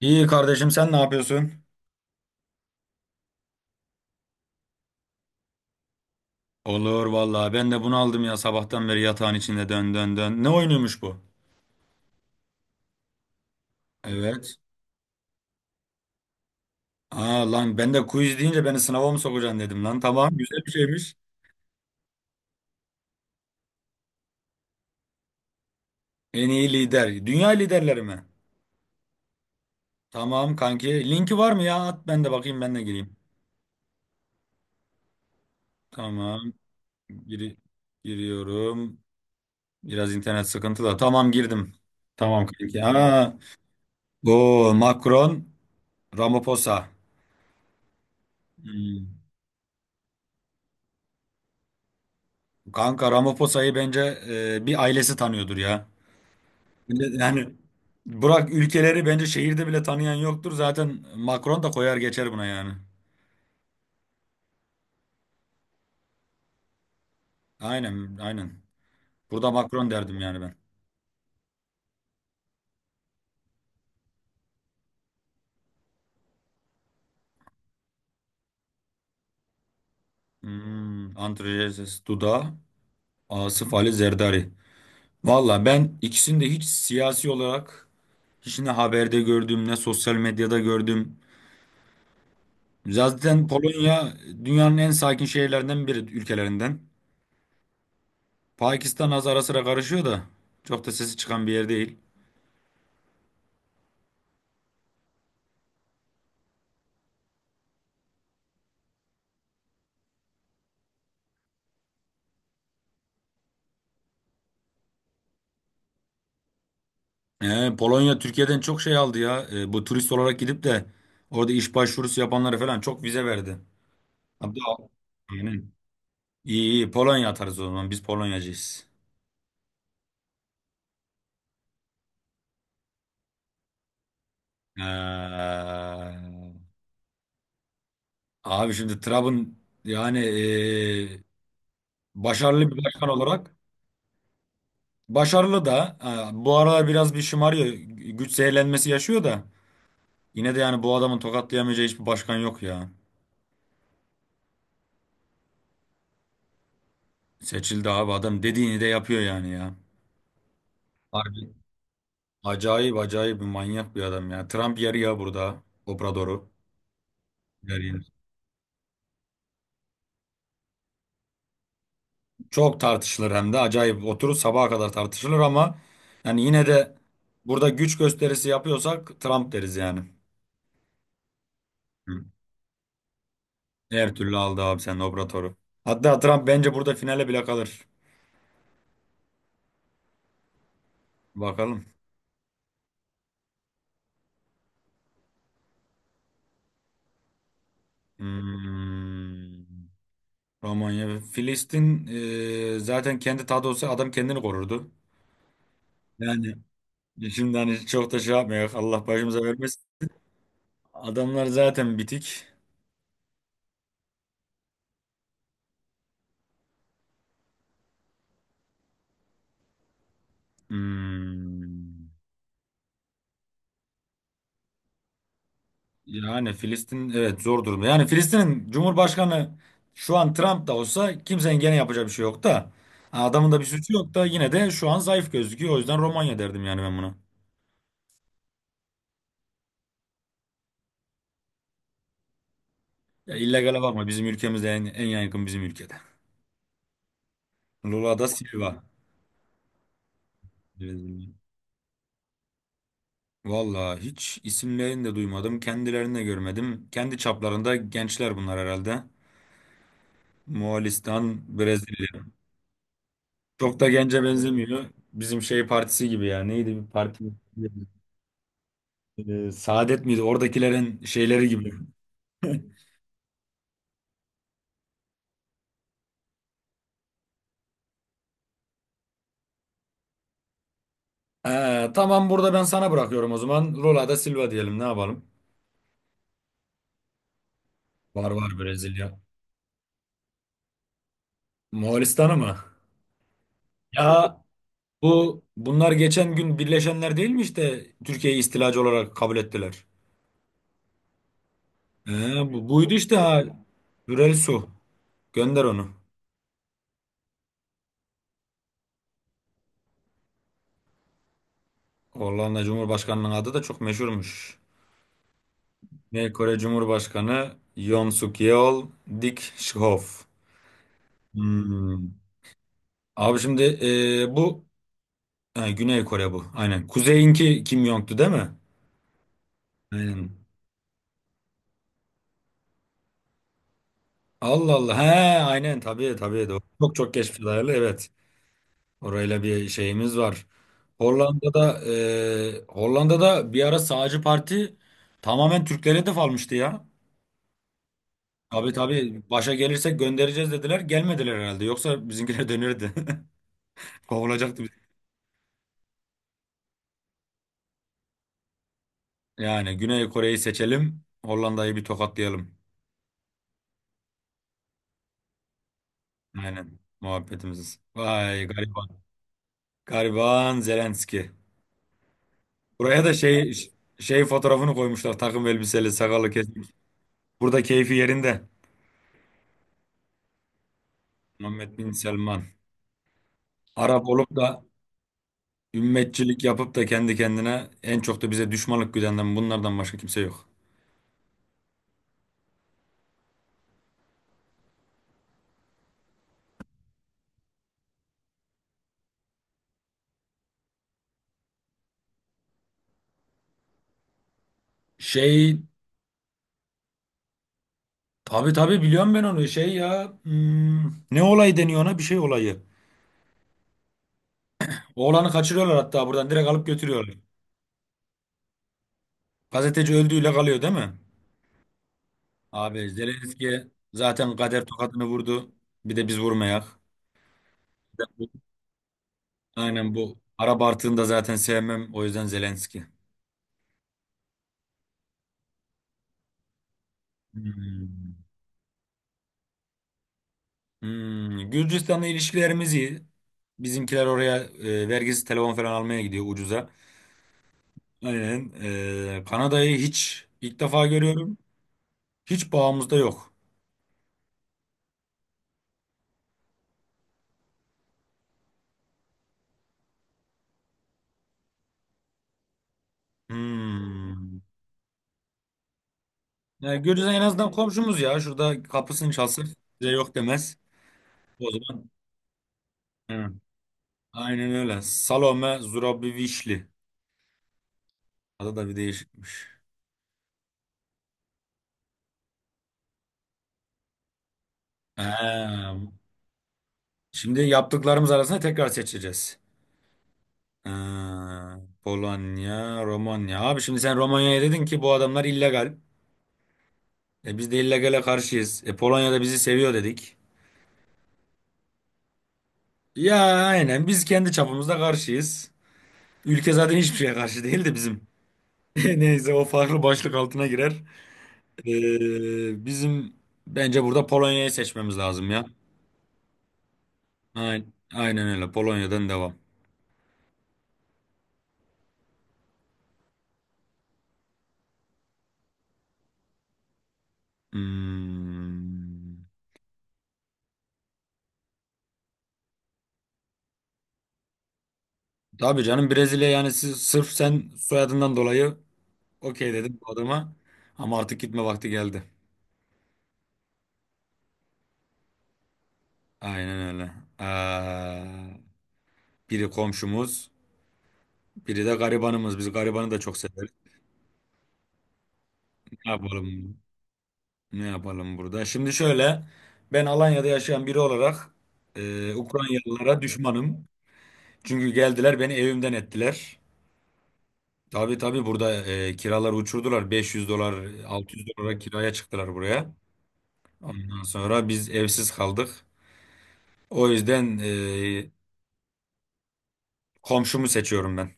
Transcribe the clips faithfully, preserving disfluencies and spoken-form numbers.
İyi kardeşim sen ne yapıyorsun? Olur vallahi ben de bunu aldım ya sabahtan beri yatağın içinde dön dön dön. Ne oynuyormuş bu? Evet. Aa lan ben de quiz deyince beni sınava mı sokacaksın dedim lan. Tamam, güzel bir şeymiş. En iyi lider. Dünya liderleri mi? Tamam kanki. Linki var mı ya? At ben de bakayım, ben de gireyim. Tamam. Giri Giriyorum. Biraz internet sıkıntılı. Tamam, girdim. Tamam kanki. Aa. Bu Macron, Ramaphosa. Hmm. Kanka Ramaphosa bence e, bir ailesi tanıyordur ya. Millet- Yani bırak ülkeleri, bence şehirde bile tanıyan yoktur. Zaten Macron da koyar geçer buna yani. Aynen aynen. Burada Macron derdim yani ben. Hmm, Antrojenses Duda, Asif Ali Zerdari. Valla ben ikisini de hiç siyasi olarak hiç ne haberde gördüm ne sosyal medyada gördüm. Zaten Polonya dünyanın en sakin şehirlerinden biri, ülkelerinden. Pakistan az ara sıra karışıyor da çok da sesi çıkan bir yer değil. Ee, Polonya Türkiye'den çok şey aldı ya. Ee, bu turist olarak gidip de orada iş başvurusu yapanlara falan çok vize verdi. Hatta aynen. İyi iyi, Polonya atarız o zaman. Biz Polonyacıyız. Ee, abi şimdi Trump'ın yani ee, başarılı bir başkan olarak, başarılı da ee, bu aralar biraz bir şımarıyor. Güç zehirlenmesi yaşıyor da yine de yani bu adamın tokatlayamayacağı hiçbir başkan yok ya. Seçildi abi, adam dediğini de yapıyor yani ya. Harbi. Acayip acayip bir manyak bir adam ya. Trump yer ya burada Obrador'u. Yer yer. Çok tartışılır, hem de acayip, oturur sabaha kadar tartışılır, ama yani yine de burada güç gösterisi yapıyorsak Trump deriz yani. Hı. Her türlü aldı abi sen Obrador'u. Hatta Trump bence burada finale bile kalır. Bakalım. Hmm. Romanya ve Filistin, e, zaten kendi tadı olsa adam kendini korurdu. Yani şimdi hani çok da şey yapmayak. Allah başımıza vermesin. Adamlar zaten bitik. Hmm. Yani Filistin evet zor durumda. Yani Filistin'in Cumhurbaşkanı şu an Trump da olsa kimsenin gene yapacağı bir şey yok da. Ha, adamın da bir suçu yok da, yine de şu an zayıf gözüküyor. O yüzden Romanya derdim yani ben buna. Ya illegale bakma, bizim ülkemizde en, en yaygın, bizim ülkede. Lula da Silva. Vallahi hiç isimlerini de duymadım. Kendilerini de görmedim. Kendi çaplarında gençler bunlar herhalde. Moğolistan, Brezilya. Çok da gence benzemiyor. Bizim şey partisi gibi ya. Neydi bir parti? Ee, Saadet miydi? Oradakilerin şeyleri gibi. Ee, tamam, burada ben sana bırakıyorum o zaman. Lula da Silva diyelim. Ne yapalım? Var var Brezilya. Moğolistan'ı mı? Ya bu bunlar geçen gün birleşenler değil mi, işte Türkiye'yi istilacı olarak kabul ettiler. Ee, bu, buydu işte ha. Hürel Su. Gönder onu. Hollanda Cumhurbaşkanı'nın adı da çok meşhurmuş. Güney Kore Cumhurbaşkanı Yoon Suk Yeol, Dik Shihov. Hmm. Abi şimdi e, bu ha, Güney Kore bu. Aynen. Kuzeyinki Kim Jong'tu değil mi? Aynen. Allah Allah. He, aynen, tabii tabii, doğru. Çok çok geç filarlı, evet. Orayla bir şeyimiz var. Hollanda'da e, Hollanda'da bir ara sağcı parti tamamen Türklere hedef almıştı ya. Tabii tabii başa gelirsek göndereceğiz dediler. Gelmediler herhalde. Yoksa bizimkiler dönürdü. Kovulacaktı. Yani Güney Kore'yi seçelim. Hollanda'yı bir tokatlayalım. Aynen muhabbetimiz. Vay gariban. Gariban Zelenski. Buraya da şey şey fotoğrafını koymuşlar. Takım elbiseli, sakallı kesmiş. Burada keyfi yerinde. Muhammed bin Selman. Arap olup da ümmetçilik yapıp da kendi kendine en çok da bize düşmanlık güdenden bunlardan başka kimse yok. Şey, tabii tabii biliyorum ben onu. Şey ya, hmm, ne olay deniyor ona, bir şey olayı. Oğlanı kaçırıyorlar hatta, buradan direkt alıp götürüyorlar. Gazeteci öldüğüyle kalıyor değil mi? Abi Zelenski zaten kader tokadını vurdu. Bir de biz vurmayak. Bir de bu- Aynen bu. Arap artığını zaten sevmem. O yüzden Zelenski. Hmm. Hmm. Gürcistan'la ilişkilerimiz iyi. Bizimkiler oraya e, vergisiz telefon falan almaya gidiyor ucuza. Aynen. E, Kanada'yı hiç ilk defa görüyorum. Hiç bağımızda yok. Hmm. Yani Gürcistan en azından komşumuz ya. Şurada kapısını çalsın. Bize yok demez. O zaman. Hı. Aynen öyle. Salome Zurabivişli. Adı da bir değişikmiş. Ha, Şimdi yaptıklarımız arasında tekrar seçeceğiz. Ha, Polonya, Romanya. Abi şimdi sen Romanya'ya dedin ki bu adamlar illegal. E biz de illegale karşıyız. E Polonya da bizi seviyor dedik. Ya aynen, biz kendi çapımızda karşıyız. Ülke zaten hiçbir şeye karşı değil de, bizim. Neyse, o farklı başlık altına girer. Ee, bizim Bence burada Polonya'yı seçmemiz lazım ya. Aynen, aynen öyle. Polonya'dan devam. Hmm. Tabii canım Brezilya, yani siz, sırf sen soyadından dolayı okey dedim bu adama. Ama artık gitme vakti geldi. Aynen öyle. Ee, biri komşumuz, biri de garibanımız. Biz garibanı da çok severiz. Ne yapalım? Ne yapalım burada? Şimdi şöyle, ben Alanya'da yaşayan biri olarak e, Ukraynalılara düşmanım. Çünkü geldiler, beni evimden ettiler. Tabii tabii burada e, kiraları uçurdular. beş yüz dolar, altı yüz dolara kiraya çıktılar buraya. Ondan sonra biz evsiz kaldık. O yüzden e, komşumu seçiyorum ben.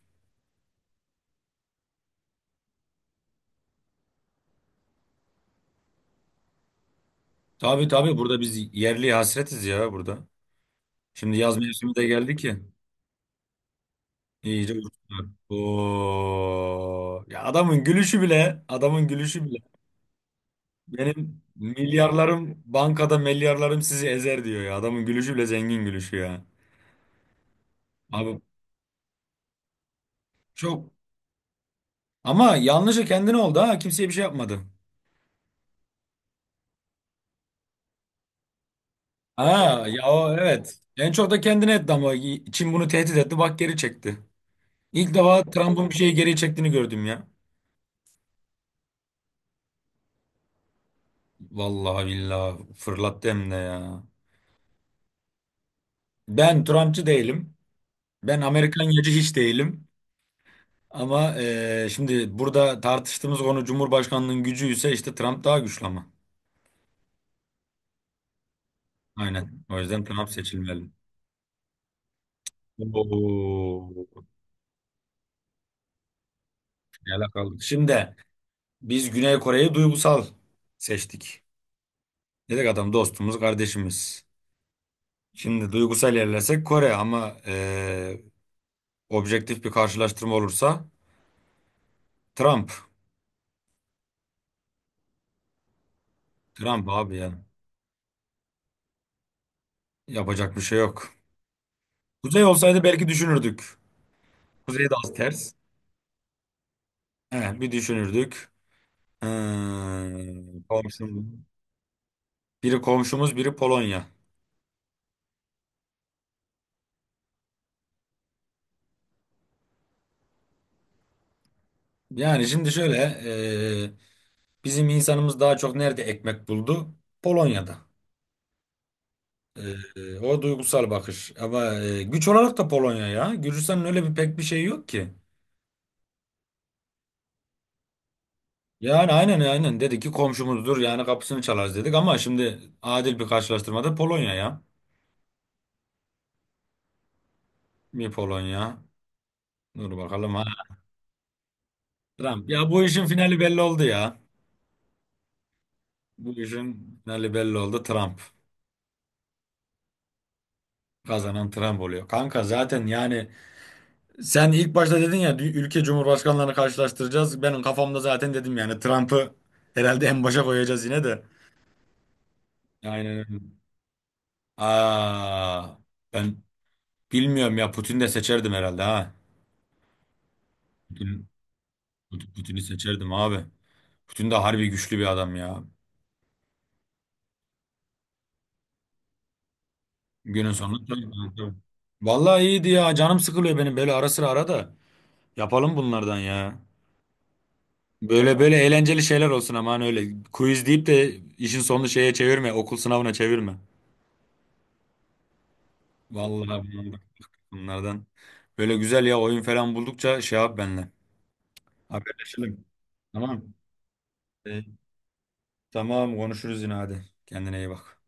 Tabii tabii burada biz yerli hasretiz ya burada. Şimdi yaz mevsimi de geldi ki iyice uçtular. Oo. Ya adamın gülüşü bile, adamın gülüşü bile. Benim milyarlarım bankada, milyarlarım sizi ezer diyor ya. Adamın gülüşü bile zengin gülüşü ya. Abi çok Ama yanlışı kendine oldu ha. Kimseye bir şey yapmadı. Ha, evet. Ya o, evet. En çok da kendine etti ama Çin bunu tehdit etti. Bak geri çekti. İlk defa Trump'ın bir şeyi geri çektiğini gördüm ya. Vallahi billahi fırlattı hem de ya. Ben Trumpçı değilim. Ben Amerikan yacı hiç değilim. Ama eee, şimdi burada tartıştığımız konu Cumhurbaşkanlığının gücü ise işte Trump daha güçlü ama. Aynen. O yüzden Trump seçilmeli. Oo, ne alakalı. Şimdi biz Güney Kore'yi duygusal seçtik. Dedik adam dostumuz, kardeşimiz. Şimdi duygusal ilerlesek Kore ama eee, objektif bir karşılaştırma olursa Trump. Trump abi ya. Yapacak bir şey yok. Kuzey olsaydı belki düşünürdük. Kuzey de az ters. He, bir düşünürdük. Hmm, komşumuz. Biri komşumuz, biri Polonya. Yani şimdi şöyle eee, bizim insanımız daha çok nerede ekmek buldu? Polonya'da. Ee, o duygusal bakış. Ama e, güç olarak da Polonya ya. Gürcistan'ın öyle bir pek bir şey yok ki. Yani aynen aynen dedik ki komşumuzdur yani kapısını çalarız dedik, ama şimdi adil bir karşılaştırmada Polonya ya. Mi Polonya? Dur bakalım ha. Trump. Ya bu işin finali belli oldu ya. Bu işin finali belli oldu, Trump. Kazanan Trump oluyor. Kanka zaten yani sen ilk başta dedin ya, dü- ülke cumhurbaşkanlarını karşılaştıracağız. Benim kafamda zaten dedim yani Trump'ı herhalde en başa koyacağız yine de. Aynen öyle. Aa, ben bilmiyorum ya, Putin de seçerdim herhalde ha. Putin, Put- Putin'i seçerdim abi. Putin de harbi güçlü bir adam ya. Günün sonunda tabii, tabii, tabii. Vallahi iyiydi ya. Canım sıkılıyor benim böyle, ara sıra ara da. Yapalım bunlardan ya. Böyle böyle eğlenceli şeyler olsun, aman öyle. Quiz deyip de işin sonunu şeye çevirme. Okul sınavına çevirme. Vallahi bunlardan. bunlardan. Böyle güzel ya, oyun falan buldukça şey yap benimle. Haberleşelim. Tamam. Ee, Tamam konuşuruz yine hadi. Kendine iyi bak.